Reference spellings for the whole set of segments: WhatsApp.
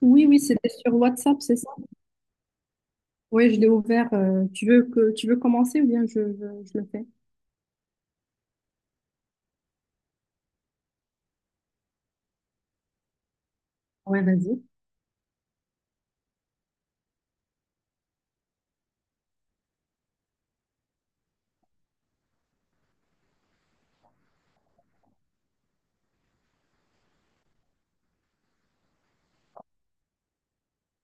Oui, oui, c'était sur WhatsApp, c'est ça? Oui, je l'ai ouvert. Tu veux commencer ou bien je le fais? Ouais, vas-y,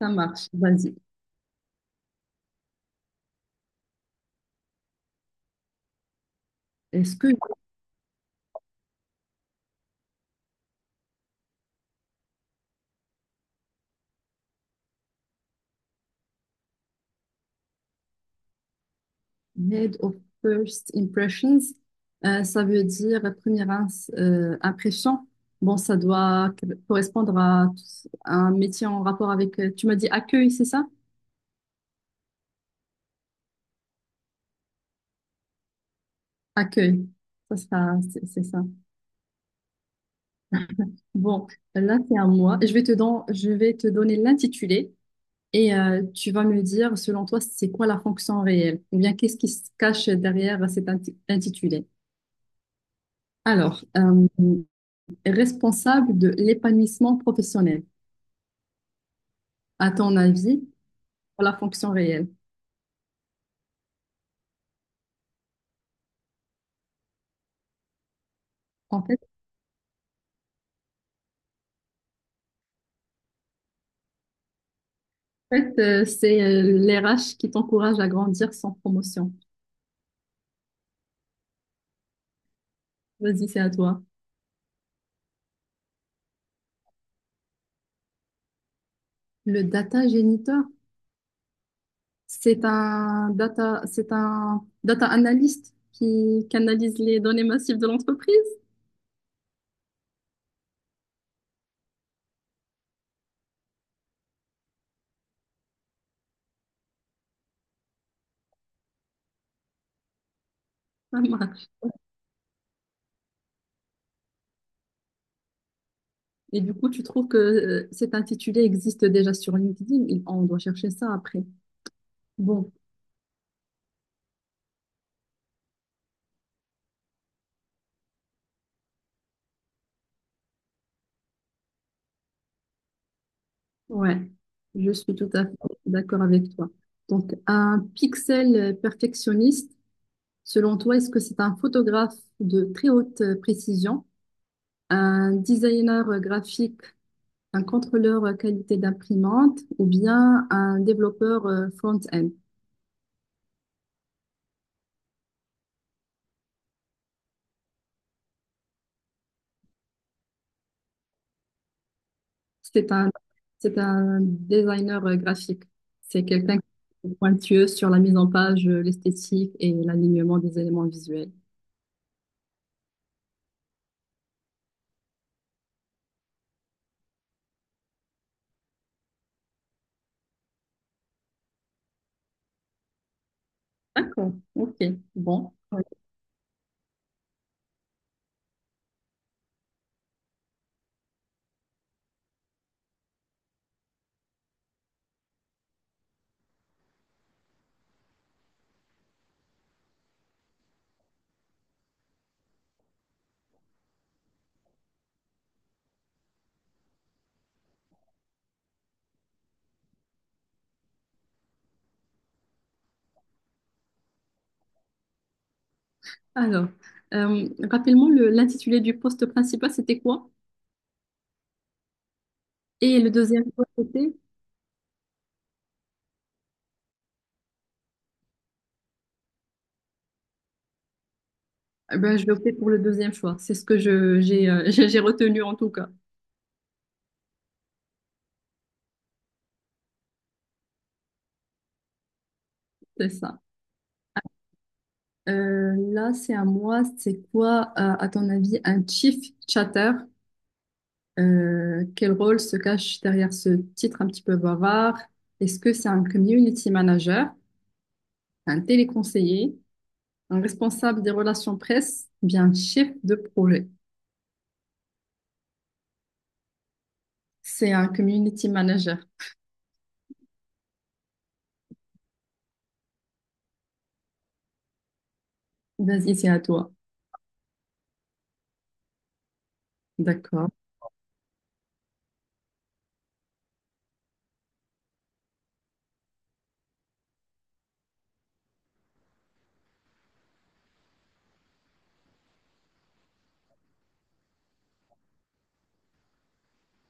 ça marche, vas-y. Est-ce que head of first impressions, ça veut dire impression? Bon, ça doit correspondre à un métier en rapport avec, tu m'as dit accueil, c'est ça? Accueil, c'est ça. Bon, là, c'est à moi. Je vais te donner l'intitulé. Et tu vas me dire, selon toi, c'est quoi la fonction réelle? Ou bien qu'est-ce qui se cache derrière intitulé? Alors, responsable de l'épanouissement professionnel, à ton avis, pour la fonction réelle? En fait, en fait, c'est l'RH qui t'encourage à grandir sans promotion. Vas-y, c'est à toi. Le data géniteur, c'est un data analyst qui canalise les données massives de l'entreprise. Et du coup, tu trouves que cet intitulé existe déjà sur LinkedIn? On doit chercher ça après. Bon, ouais, je suis tout à fait d'accord avec toi. Donc, un pixel perfectionniste, selon toi, est-ce que c'est un photographe de très haute précision, un designer graphique, un contrôleur qualité d'imprimante ou bien un développeur front-end? C'est un, c'est un designer graphique. C'est quelqu'un qui est pointueux sur la mise en page, l'esthétique et l'alignement des éléments visuels. D'accord, ok, bon. Oui. Alors, rapidement, l'intitulé du poste principal, c'était quoi? Et le deuxième choix, c'était? Eh ben, je vais opter pour le deuxième choix. C'est ce que j'ai, j'ai retenu en tout cas. C'est ça. Là, c'est à moi. C'est quoi, à ton avis, un chief chatter? Quel rôle se cache derrière ce titre un petit peu bavard? Est-ce que c'est un community manager, un téléconseiller, un responsable des relations presse, ou bien un chef de projet? C'est un community manager. Vas-y, c'est à toi. D'accord.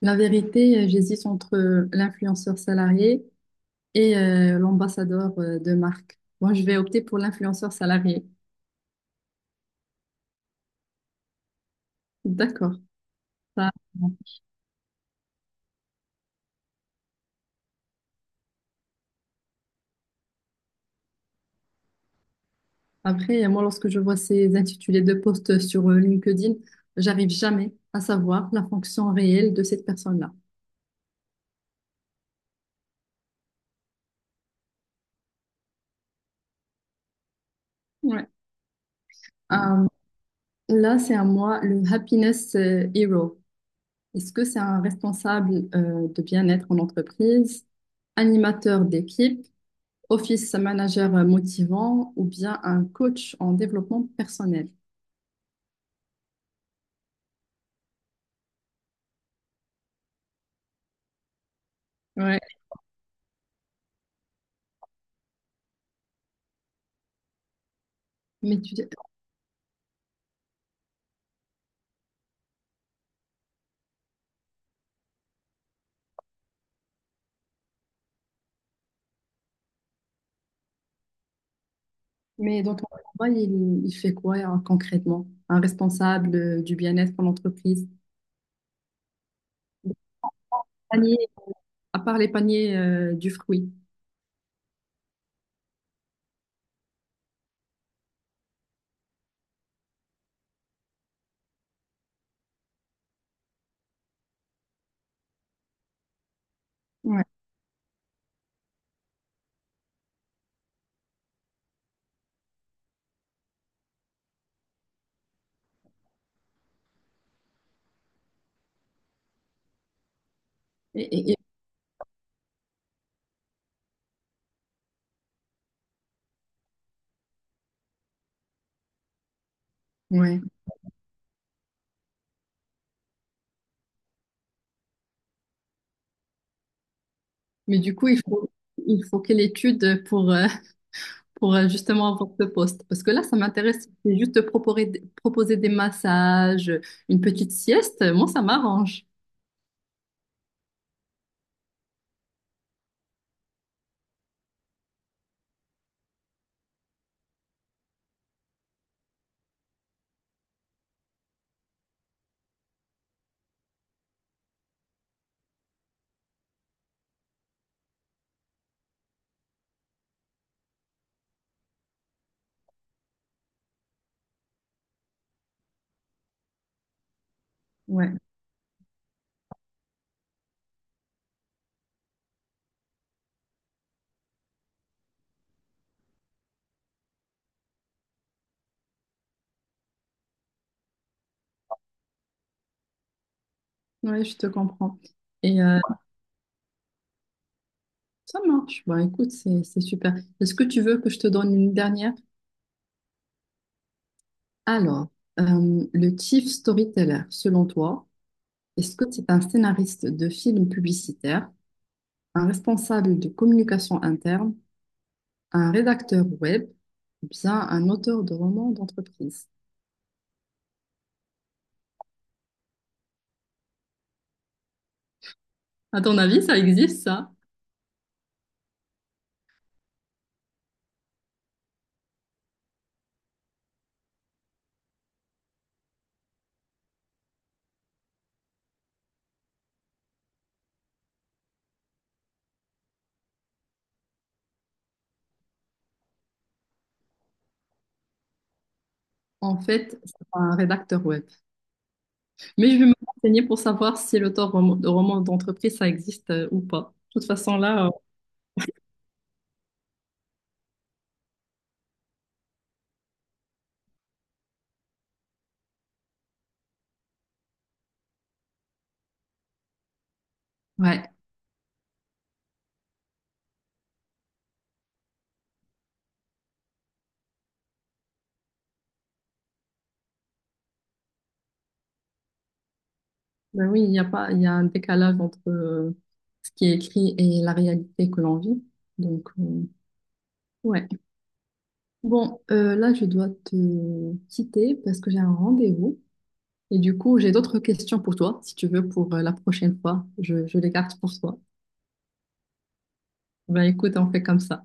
La vérité, j'hésite entre l'influenceur salarié et l'ambassadeur de marque. Moi, je vais opter pour l'influenceur salarié. D'accord. Ça, après, moi, lorsque je vois ces intitulés de postes sur LinkedIn, j'arrive jamais à savoir la fonction réelle de cette personne-là. Ouais. Euh, là, c'est à moi le happiness hero. Est-ce que c'est un responsable de bien-être en entreprise, animateur d'équipe, office manager motivant ou bien un coach en développement personnel? Ouais. Mais, tu, mais dans ton travail, il fait quoi concrètement? Un responsable du bien-être en entreprise? À part les paniers du fruit. Ouais. Et, et- et- ouais. Mais du coup, il faut, il faut quelle étude pour, pour justement avoir ce poste? Parce que là, ça m'intéresse. C'est juste de proposer des massages, une petite sieste. Moi, ça m'arrange. Ouais, ouais, je te comprends. Et ça marche. Bah, écoute, c'est super. Est-ce que tu veux que je te donne une dernière? Alors, le chief storyteller, selon toi, est-ce que c'est un scénariste de film publicitaire? Un responsable de communication interne, un rédacteur web ou bien un auteur de romans d'entreprise. À ton avis, ça existe ça? En fait, c'est pas un rédacteur web. Mais je vais me renseigner pour savoir si de romans d'entreprise, ça existe ou pas. De toute façon, là, ouais. Ben oui, il y a pas, il y a un décalage entre ce qui est écrit et la réalité que l'on vit. Donc, ouais. Bon, là, je dois te quitter parce que j'ai un rendez-vous. Et du coup, j'ai d'autres questions pour toi, si tu veux, pour la prochaine fois. Je les garde pour toi. Ben écoute, on fait comme ça.